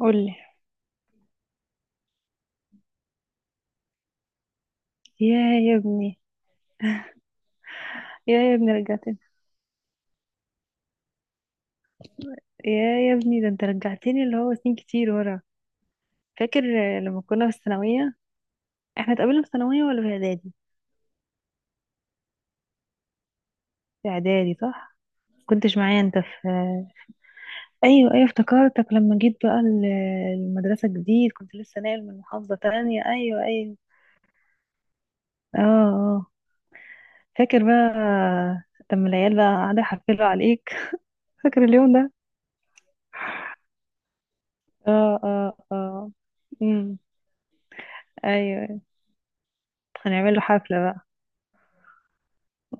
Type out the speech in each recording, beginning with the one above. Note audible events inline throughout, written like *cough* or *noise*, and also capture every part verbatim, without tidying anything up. قولي. يا يا ابني، يا يا ابني رجعتني. يا يا ابني ده انت رجعتني اللي هو سنين كتير ورا. فاكر آه، لما كنا في الثانوية؟ احنا اتقابلنا في ثانوية ولا في اعدادي؟ في اعدادي، صح. كنتش معايا انت في... ايوه ايوه، افتكرتك لما جيت بقى ال- المدرسة جديد، كنت لسه ناقل من محافظة تانية. ايوه ايوه، اه اه. فاكر بقى آه، لما العيال بقى قاعدة يحفلوا عليك؟ *laughs* فاكر اليوم ده؟ اه اه اه. امم. ايوه أيوة. هنعمل له حفلة بقى.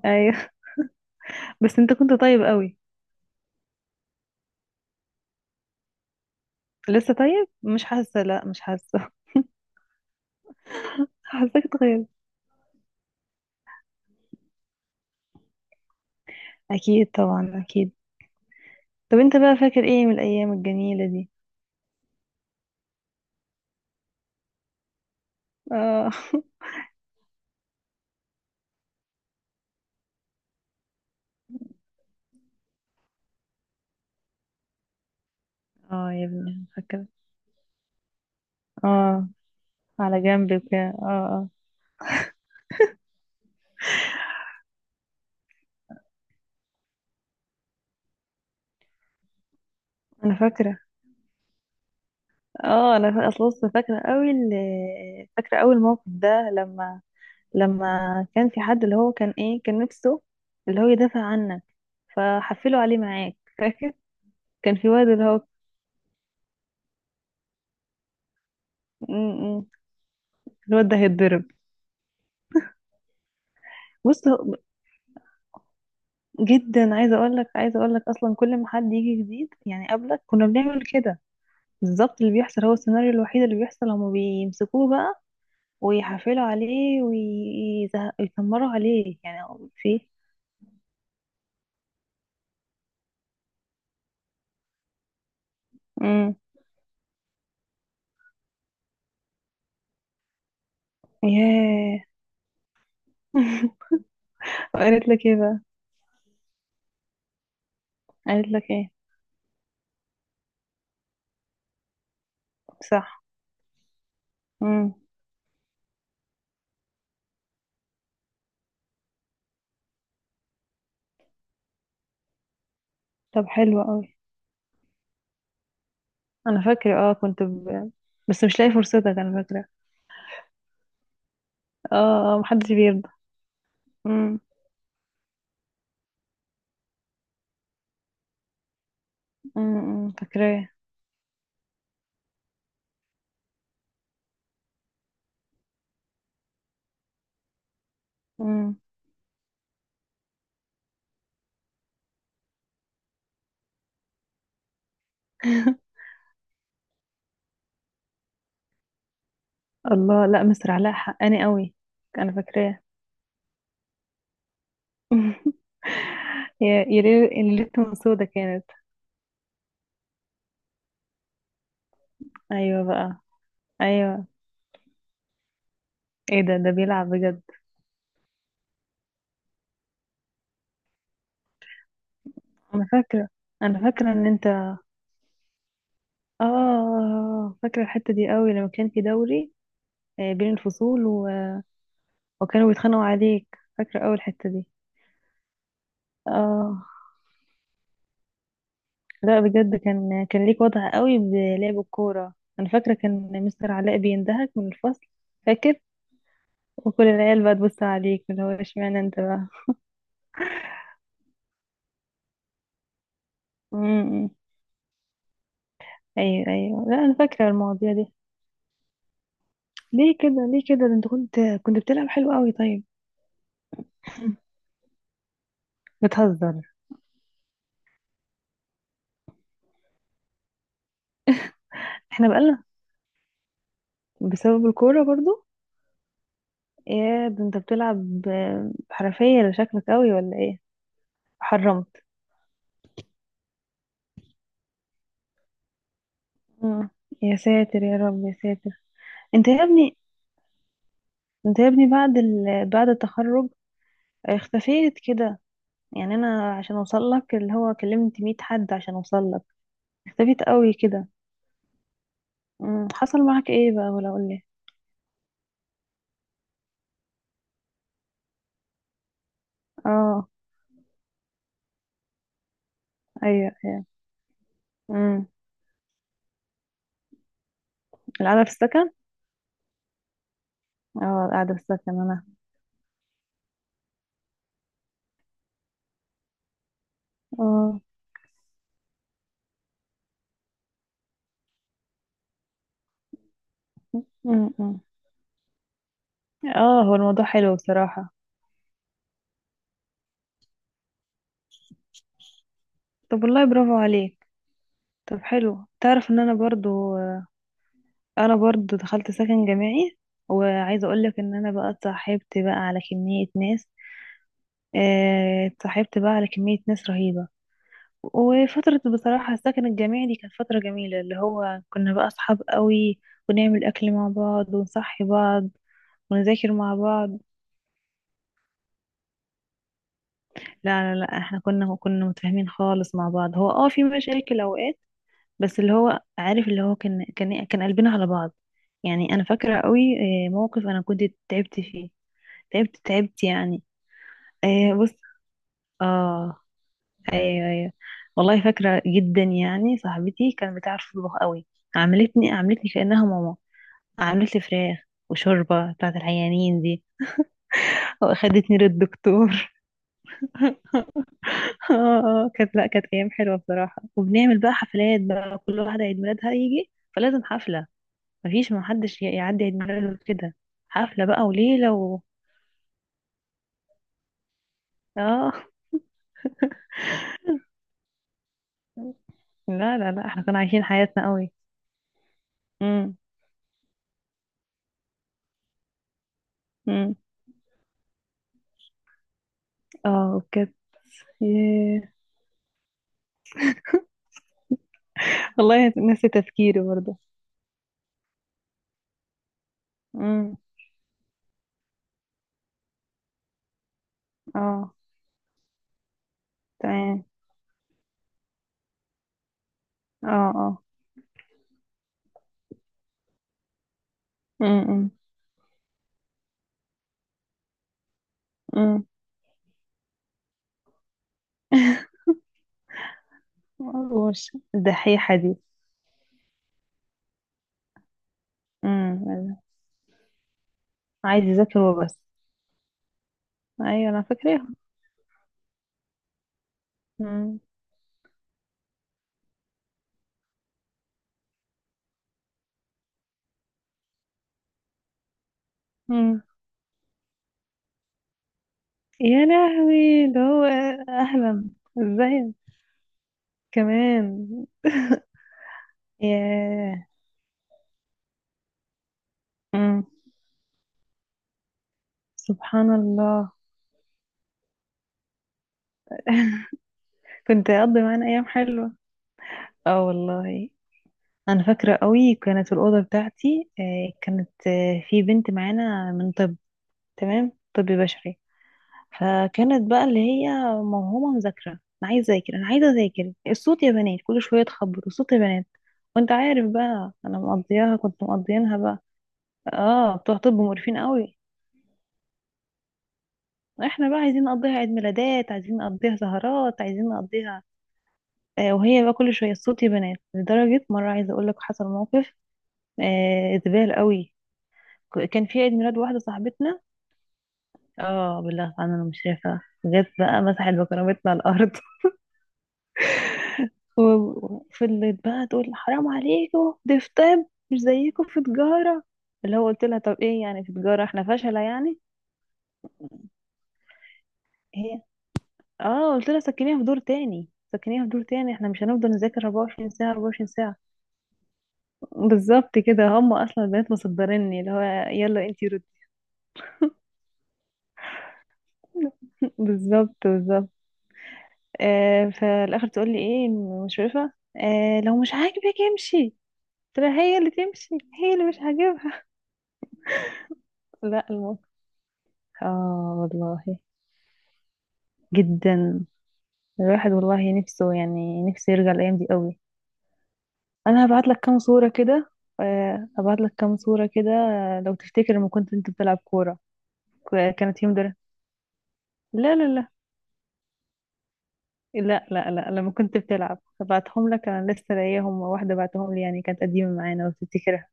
ايوه. بس انت كنت طيب قوي. لسه طيب؟ مش حاسه، لا مش حاسه. *laughs* حاساك اتغيرت. اكيد طبعا اكيد. طب انت بقى فاكر ايه من الايام الجميله دي؟ اه. *laughs* اه يا ابني، فاكره. اه، على جنبك، اه اه. انا فاكره. اه، انا فا- اصلا لسه فاكره قوي ال- فاكره اول موقف ده لما... لما كان في حد اللي هو كان ايه، كان نفسه اللي هو يدافع عنك، فحفلوا عليه معاك، فاكر؟ كان في واد اللي هو... م- م- الواد ده هيتضرب. بص، جدا عايزه اقول لك عايزه اقول لك اصلا كل ما حد يجي جديد، يعني قبلك كنا بنعمل كده. بالظبط اللي بيحصل هو السيناريو الوحيد اللي بيحصل. هما بيمسكوه بقى ويحفلوا عليه ويتمروا عليه، يعني هو في... امم. ياه. *laughs* قالت لك ايه بقى؟ قالت لك ايه؟ صح. امم. طب حلو قوي. انا فاكره، اه، كنت ب... بس مش لاقي فرصتك، انا فاكره. اه اه، محدش بيرضى. امم. امم أمم، فاكراه. امم. *laughs* الله، لا مستر علاء حقاني قوي. انا فاكراه. *laughs* يا يا ريت اللي تكون سودا كانت. ايوه بقى. ايوه. ايه ده، ده بيلعب بجد. انا فاكره. انا فاكره ان انت... اه، فاكره الحته دي قوي لما كان في دوري آه، بين الفصول و... وكانوا بيتخانقوا عليك، فاكره قوي الحته دي. اه، لا بجد، كان كان ليك وضع قوي بلعب الكوره، انا فاكره كان مستر علاء بيندهك من الفصل. فاكر، وكل العيال بقى تبص عليك اللي هو اشمعنى انت بقى؟ م- م. ايوه ايوه، لا انا فاكره المواضيع دي. ليه كده، ليه كده؟ ده انت كنت كنت بتلعب حلو قوي، طيب. بتهزر. احنا بقالنا، بسبب الكوره برضو. يا ده انت بتلعب ب- بحرفيه، لا شكلك قوي ولا ايه؟ حرمت. مم. يا ساتر يا رب، يا ساتر. انت يا ابني، انت يا ابني بعد ال... بعد التخرج اختفيت كده. يعني انا عشان اوصل لك اللي هو كلمت مية حد عشان اوصل لك. اختفيت قوي كده. مم. حصل معاك ايه بقى؟ ولا قول لي. اه، ايوه ايوه. امم. القعده في السكن. اه، قاعدة بستسلم انا. اه. م- م. اه، هو الموضوع حلو بصراحة. طب والله برافو عليك. طب حلو، تعرف ان انا برضو، انا برضو دخلت سكن جامعي وعايزة اقولك ان انا بقى اتصاحبت بقى على كمية ناس آه، اتصاحبت بقى على كمية ناس رهيبة. وفترة بصراحة السكن الجامعي دي كانت فترة جميلة، اللي هو كنا بقى اصحاب قوي ونعمل اكل مع بعض ونصحي بعض ونذاكر مع بعض. لا لا لا، احنا كنا كنا متفاهمين خالص مع بعض. هو اه في مشاكل اوقات، بس اللي هو عارف اللي هو كان كان كان قلبنا على بعض. يعني انا فاكره قوي آه، موقف انا كنت تعبت فيه، تعبت تعبت يعني. آه، بص. اه، ايوه ايوه. والله فاكره جدا، يعني صاحبتي كانت بتعرف تطبخ قوي. عملتني عملتني كانها ماما، عملت لي فراخ وشوربه بتاعت العيانين دي واخدتني للدكتور. *laughs* اه. اه كانت، لا كانت ايام حلوه بصراحه، وبنعمل بقى حفلات بقى، كل واحده عيد ميلادها يجي فلازم حفله. مفيش ما حدش ي- يعدي عيد ميلاده كده. حفله بقى وليله و... اه. *laughs* لا لا لا، احنا كنا عايشين حياتنا قوي. امم امم اه كانت. ياه. والله نسي تفكيري برضه. امم. اه. تمام. اه اه. امم. امم وش *laughs* الدحيحه دي. امم. عايز يذاكر وبس. ايوه انا فاكراها. امم. يا لهوي ده هو. اهلا. ازاي كمان. ياه. مم. سبحان الله. كنت اقضي معانا ايام حلوه. اه والله. انا فاكره قوي كانت الاوضه بتاعتي، آه، كانت آه، في بنت معانا من طب. تمام، طب بشري. فكانت بقى اللي هي موهومه مذاكره. انا عايزه اذاكر، انا عايزه اذاكر، الصوت يا بنات، كل شويه تخبط الصوت يا بنات. وانت عارف بقى انا مقضياها كنت مقضيينها بقى. اه، بتوع طب مقرفين قوي. احنا بقى عايزين نقضيها عيد ميلادات، عايزين نقضيها سهرات، عايزين نقضيها. آه، وهي بقى كل شويه الصوت بنات. لدرجه مره، عايزه اقول لك حصل موقف آه زبال قوي. ك- كان في عيد ميلاد واحده صاحبتنا. اه بالله طبعاً، انا مش شايفه جت بقى مسحت بكرامتنا على الارض. *laughs* وفضلت بقى تقول حرام عليكم، دي في طب، مش زيكم في تجاره. اللي هو قلت لها طب ايه يعني في تجاره احنا فاشله يعني؟ هي. اه قلت لها سكنيها في دور تاني، سكنيها في دور تاني، احنا مش هنفضل نذاكر أربعة وعشرين ساعة أربع وعشرين ساعة. بالظبط كده هم اصلا البنات مصدرني اللي هو يلا انتي ردي. *laughs* بالظبط بالظبط. آه، فالاخر تقول لي ايه المشرفه؟ آه لو مش عاجبك امشي. ترى هي اللي تمشي، هي اللي مش عاجبها. *laughs* لا الموقف. اه والله. جدا، الواحد والله نفسه، يعني نفسه يرجع الايام دي قوي. انا هبعت لك كام صوره كده. آه، هبعت لك كام صوره كده، آه، لو تفتكر لما كنت انت بتلعب كوره. ك- كانت يوم ده. لا لا لا. لا لا لا، لما كنت بتلعب بعتهم لك. انا لسه لاقيهم، واحدة بعتهم لي، يعني كانت قديمة معانا لو تفتكرها.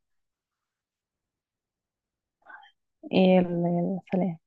يلا يلا، سلام.